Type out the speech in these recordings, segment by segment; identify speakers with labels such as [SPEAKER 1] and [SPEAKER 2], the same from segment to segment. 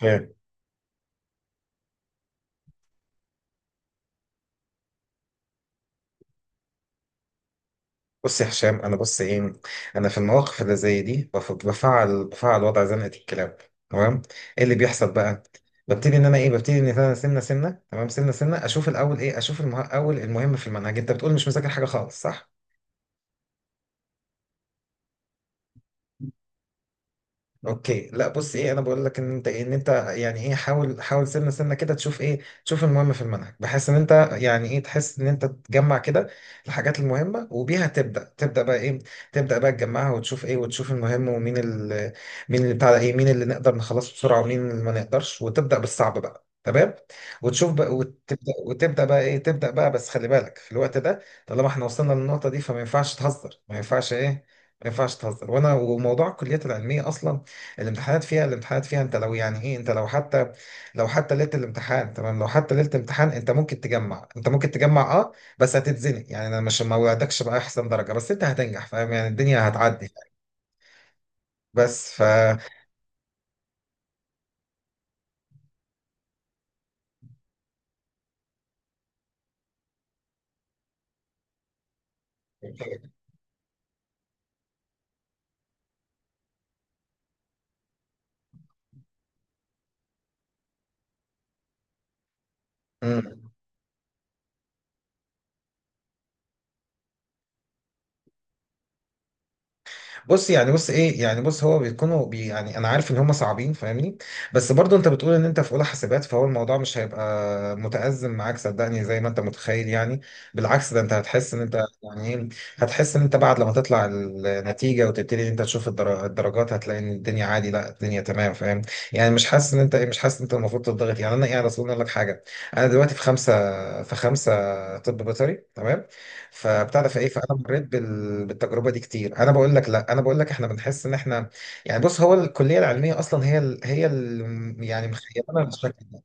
[SPEAKER 1] فاهم. بص يا هشام، انا بص ايه انا في المواقف اللي زي دي بفعل وضع زنقه الكلاب. تمام، ايه اللي بيحصل بقى؟ ببتدي ان انا سنه سنه. تمام، سنه سنه اشوف الاول ايه، اشوف المه... اول المهم في المنهج. انت بتقول مش مذاكر حاجه خالص، صح؟ اوكي، لا بص ايه، انا بقول لك ان انت يعني ايه، حاول حاول سنه سنه كده تشوف ايه، تشوف المهم في المنهج، بحيث ان انت يعني ايه تحس ان انت تجمع كده الحاجات المهمه، وبيها تبدا بقى ايه، تبدا بقى تجمعها وتشوف ايه، وتشوف المهم ومين مين اللي بتاع ده، ايه مين اللي نقدر نخلصه بسرعه ومين اللي ما نقدرش، وتبدا بالصعب بقى. تمام، وتشوف بقى وتبدا بقى ايه، تبدا بقى، بس خلي بالك في الوقت ده. طالما احنا وصلنا للنقطه دي فما ينفعش تهزر، ما ينفعش ايه، ما ينفعش تهزر. وانا وموضوع الكليات العلميه اصلا، الامتحانات فيها انت لو يعني ايه، انت لو حتى، لو حتى ليله الامتحان، تمام، لو حتى ليله الامتحان انت ممكن تجمع، انت ممكن تجمع، اه بس هتتزنق. يعني انا مش ما وعدكش باحسن درجه، بس انت هتنجح، فاهم؟ يعني الدنيا هتعدي. بس ف مم. بص يعني بص ايه، يعني بص هو بيكونوا بي، يعني انا عارف ان هم صعبين فاهمني، بس برضو انت بتقول ان انت في اولى حاسبات، فهو الموضوع مش هيبقى متأزم معاك صدقني زي ما انت متخيل يعني. بالعكس، ده انت هتحس ان انت يعني ايه، هتحس ان انت بعد لما تطلع النتيجة وتبتدي ان انت تشوف الدرجات، هتلاقي ان الدنيا عادي، لا الدنيا تمام، فاهم؟ يعني مش حاسس ان انت ايه، مش حاسس ان انت المفروض تضغط. يعني انا يعني اصل اقول لك حاجة، انا دلوقتي في خمسة، في خمسة طب بيطري، تمام. فبتاع ده فايه، فانا مريت بالتجربه دي كتير. انا بقول لك لا، انا بقول لك احنا بنحس ان احنا، يعني بص هو الكليه العلميه اصلا، يعني مخيبنا بالشكل ده.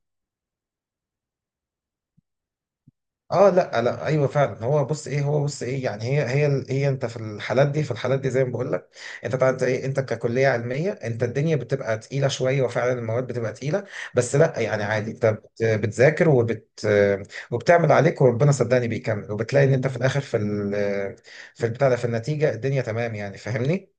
[SPEAKER 1] اه لا لا، ايوه فعلا، هو بص ايه، هو بص ايه، يعني هي انت في الحالات دي، في الحالات دي زي ما بقول لك، انت طبعا انت ايه، انت ككليه علميه انت الدنيا بتبقى تقيله شويه، وفعلا المواد بتبقى تقيله. بس لا يعني عادي، انت بتذاكر وبت، وبتعمل عليك وربنا صدقني بيكمل، وبتلاقي ان انت في الاخر في ال، في البتاع ده، في النتيجه الدنيا تمام يعني، فاهمني؟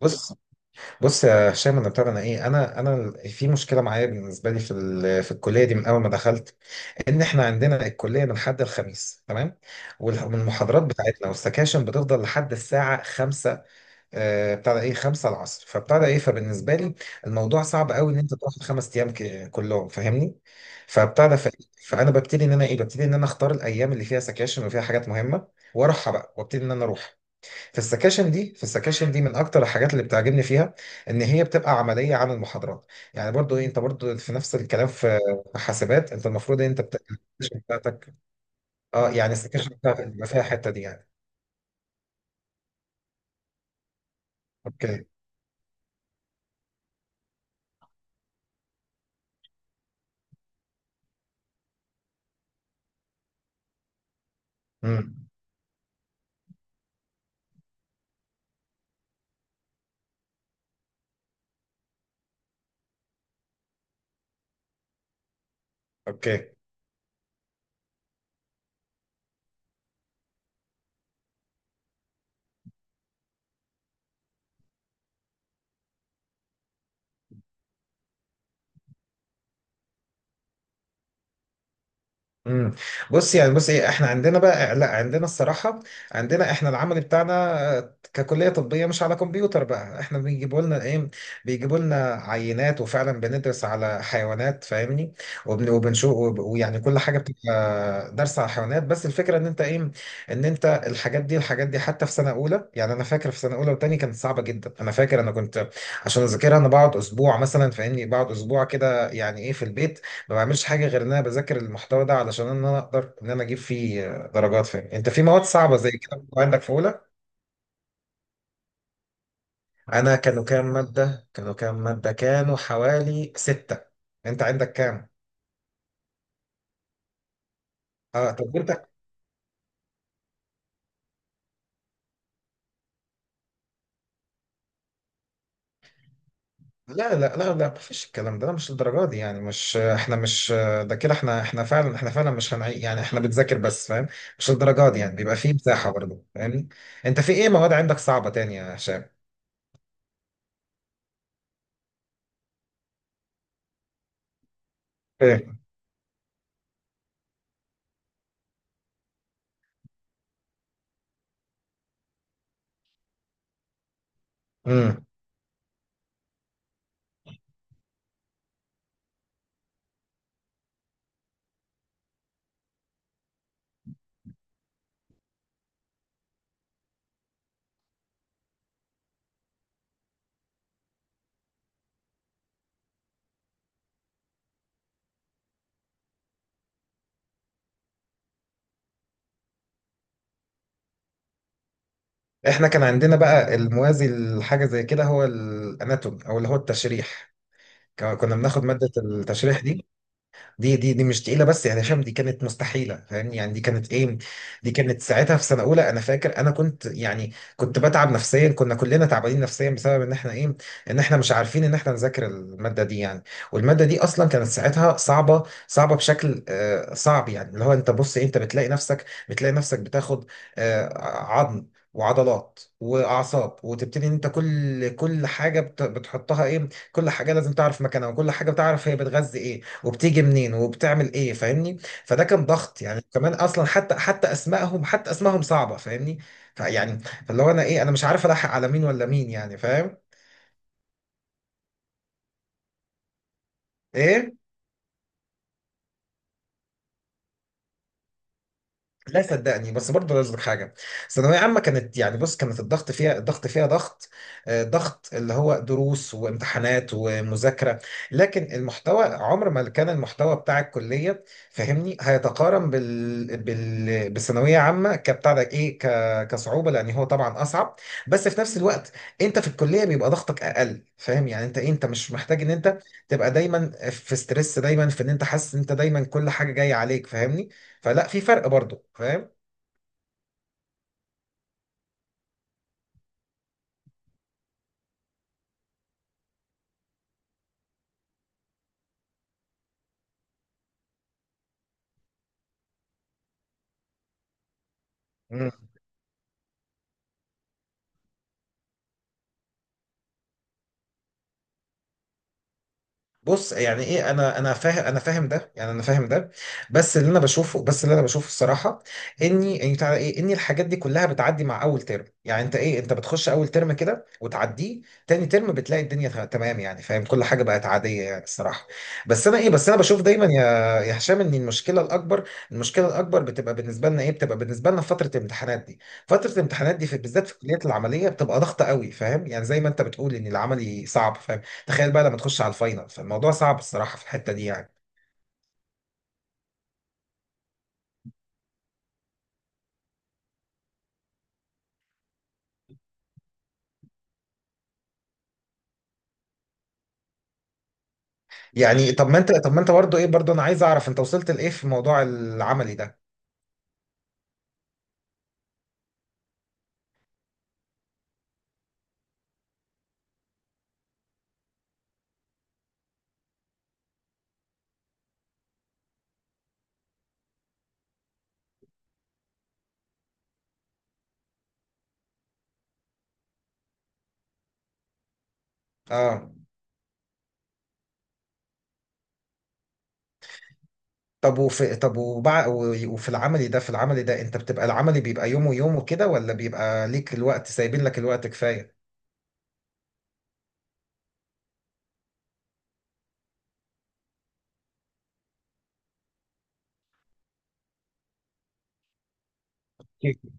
[SPEAKER 1] بص، بص يا هشام، انا بتاع انا ايه، انا انا في مشكله معايا بالنسبه لي في الكليه دي من اول ما دخلت، ان احنا عندنا الكليه من حد الخميس، تمام. والمحاضرات بتاعتنا والسكاشن بتفضل لحد الساعه 5، بتاع ده ايه، 5 العصر، فبتاع ده ايه، فبالنسبه لي الموضوع صعب قوي ان انت تاخد خمس ايام كلهم فاهمني. فبتاع ده ف، فانا ببتدي ان انا اختار الايام اللي فيها سكاشن وفيها حاجات مهمه واروحها بقى، وابتدي ان انا اروح. في السكاشن دي، في السكاشن دي من اكتر الحاجات اللي بتعجبني فيها ان هي بتبقى عمليه عن المحاضرات. يعني برضو إيه، انت برضو في نفس الكلام في، في حاسبات انت المفروض إن انت السكاشن بتاعتك، اه يعني السكاشن بتاعتك بيبقى فيها الحته دي يعني. اوكي، امم، اوكي، امم. بص يعني بص ايه، احنا عندنا بقى، لا عندنا الصراحه، عندنا احنا العمل بتاعنا، ككليه طبيه مش على كمبيوتر بقى، احنا بيجيبوا لنا ايه، بيجيبوا لنا عينات وفعلا بندرس على حيوانات فاهمني، وبنشوف ويعني كل حاجه بتبقى درس على حيوانات، بس الفكره ان انت ايه، ان انت الحاجات دي، الحاجات دي حتى في سنه اولى. يعني انا فاكر في سنه اولى وتاني كانت صعبه جدا، انا فاكر انا كنت عشان اذاكرها انا بقعد اسبوع مثلا فاهمني، بقعد اسبوع كده يعني ايه في البيت، لو ما بعملش حاجه غير ان انا بذاكر المحتوى ده علشان ان انا اقدر ان انا اجيب فيه درجات فيه. انت في مواد صعبه زي كده كنت عندك في اولى؟ انا كانوا كام ماده كانوا حوالي سته، انت عندك كام؟ اه طب انت، لا مفيش الكلام ده، لا، مش الدرجات دي، يعني مش احنا مش، ده كده احنا، احنا فعلا، احنا فعلا مش هنعيد، يعني احنا بنذاكر بس فاهم، مش الدرجات دي يعني، بيبقى فيه مساحه برضه فاهمني. انت في ايه مواد عندك صعبه تانية يا هشام؟ ايه، امم. احنا كان عندنا بقى الموازي لحاجه زي كده هو الاناتوم، او اللي هو التشريح، كنا بناخد ماده التشريح دي. دي مش تقيله، بس يعني هشام دي كانت مستحيله فاهمني، يعني دي كانت ايه، دي كانت ساعتها في سنه اولى. انا فاكر انا كنت يعني كنت بتعب نفسيا، كنا كلنا تعبانين نفسيا بسبب ان احنا ايه، ان احنا مش عارفين ان احنا نذاكر الماده دي يعني. والماده دي اصلا كانت ساعتها صعبه، صعبه بشكل آه صعب، يعني اللي هو انت بص إيه، انت بتلاقي نفسك بتاخد آه عظم وعضلات واعصاب، وتبتدي ان انت كل حاجه بتحطها ايه، كل حاجه لازم تعرف مكانها، وكل حاجه بتعرف هي بتغذي ايه وبتيجي منين وبتعمل ايه فاهمني. فده كان ضغط يعني، كمان اصلا حتى، حتى اسمائهم صعبه فاهمني. فيعني فاللي هو انا ايه، انا مش عارف الحق على مين ولا مين يعني، فاهم؟ ايه، لا صدقني، بس برضه عايز أقولك حاجه، ثانويه عامه كانت يعني بص، كانت الضغط فيها، الضغط فيها ضغط، ضغط اللي هو دروس وامتحانات ومذاكره، لكن المحتوى عمر ما كان المحتوى بتاع الكليه فاهمني هيتقارن بالثانويه عامه، كبتاع ده ايه، كصعوبه، لان هو طبعا اصعب. بس في نفس الوقت انت في الكليه بيبقى ضغطك اقل، فاهم يعني؟ انت إيه؟ انت مش محتاج ان انت تبقى دايما في ستريس، دايما في ان انت حاسس ان انت دايما كل حاجه جايه عليك فاهمني. فلا في فرق برضه، فاهم؟ بص يعني ايه، انا فاهم، انا فاهم ده، يعني انا فاهم ده، بس اللي انا بشوفه، بس اللي انا بشوفه الصراحه، اني بتاع ايه، ان الحاجات دي كلها بتعدي مع اول ترم. يعني انت ايه، انت بتخش اول ترم كده وتعديه، تاني ترم بتلاقي الدنيا تمام يعني فاهم، كل حاجه بقت عاديه يعني الصراحه. بس انا ايه، بس انا بشوف دايما يا، يا هشام، ان المشكله الاكبر بتبقى بالنسبه لنا ايه، بتبقى بالنسبه لنا فتره الامتحانات دي. فتره الامتحانات دي في بالذات في الكليات العمليه بتبقى ضغطه قوي، فاهم يعني، زي ما انت بتقول ان العملي صعب، فاهم، تخيل بقى لما تخش على الفاينل، فالموضوع صعب الصراحه في الحته دي يعني. يعني طب ما انت، طب ما انت برضه ايه، برضه انا عايز اعرف انت وصلت لايه في موضوع العملي ده؟ اه طب وفي طب وفي العملي ده، في العملي ده انت بتبقى العملي بيبقى يوم ويوم وكده، ولا بيبقى ليك الوقت سايبين لك الوقت كفايه؟ أكيد.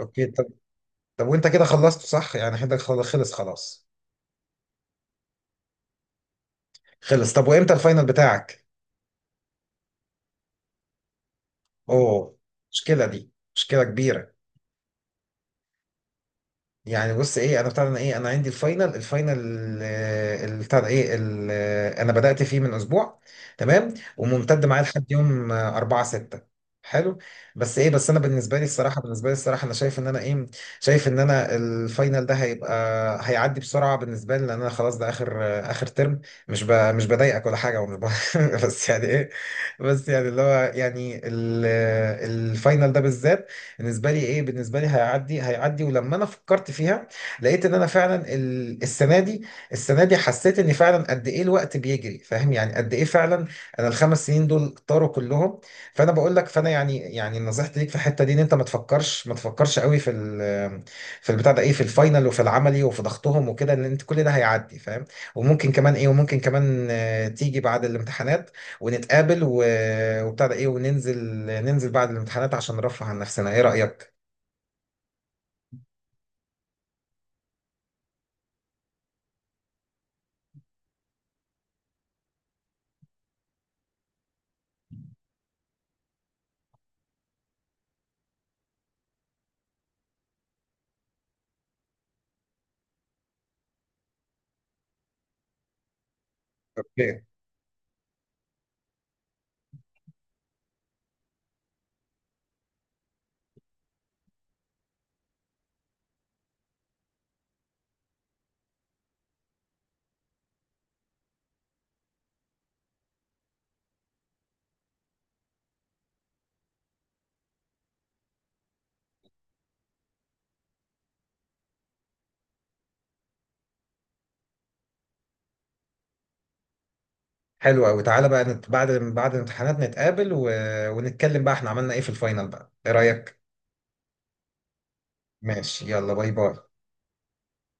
[SPEAKER 1] اوكي طب، طب وانت كده خلصت صح يعني، حدك خلص خلاص؟ خلص؟ طب وامتى الفاينل بتاعك؟ اوه، مشكله، دي مشكله كبيره. يعني بص ايه، انا بتاع ده انا ايه، انا عندي الفاينل، الفاينل، بتاع ده ايه، انا بدأت فيه من اسبوع، تمام، وممتد معايا لحد يوم 4 6. حلو، بس ايه، بس انا بالنسبه لي الصراحه، بالنسبه لي الصراحه انا شايف ان انا ايه، شايف ان انا الفاينل ده هيبقى، هيعدي بسرعه بالنسبه لي، لان انا خلاص ده اخر، اخر ترم. مش ب، مش بضايقك ولا حاجه، ومش ب بس يعني ايه، بس يعني اللي هو يعني الفاينل ده بالذات بالنسبه لي ايه، بالنسبه لي هيعدي، هيعدي. ولما انا فكرت فيها لقيت ان انا فعلا السنه دي، السنه دي حسيت ان فعلا قد ايه الوقت بيجري فاهم يعني، قد ايه فعلا انا الخمس سنين دول طاروا كلهم. فانا بقول لك، فانا يعني، يعني نصيحتي ليك في الحته دي ان انت ما تفكرش قوي في ال، في البتاع ده ايه، في الفاينل وفي العملي وفي ضغطهم وكده، لان انت كل ده هيعدي فاهم. وممكن كمان ايه، وممكن كمان تيجي بعد الامتحانات ونتقابل و، وبتاع ده ايه، وننزل، ننزل بعد الامتحانات عشان نرفه عن نفسنا، ايه رأيك؟ اوكي، حلو قوي، تعالى بقى بعد، بعد الامتحانات نتقابل و، ونتكلم بقى احنا عملنا ايه في الفاينل بقى، ايه رأيك؟ ماشي يلا، باي باي.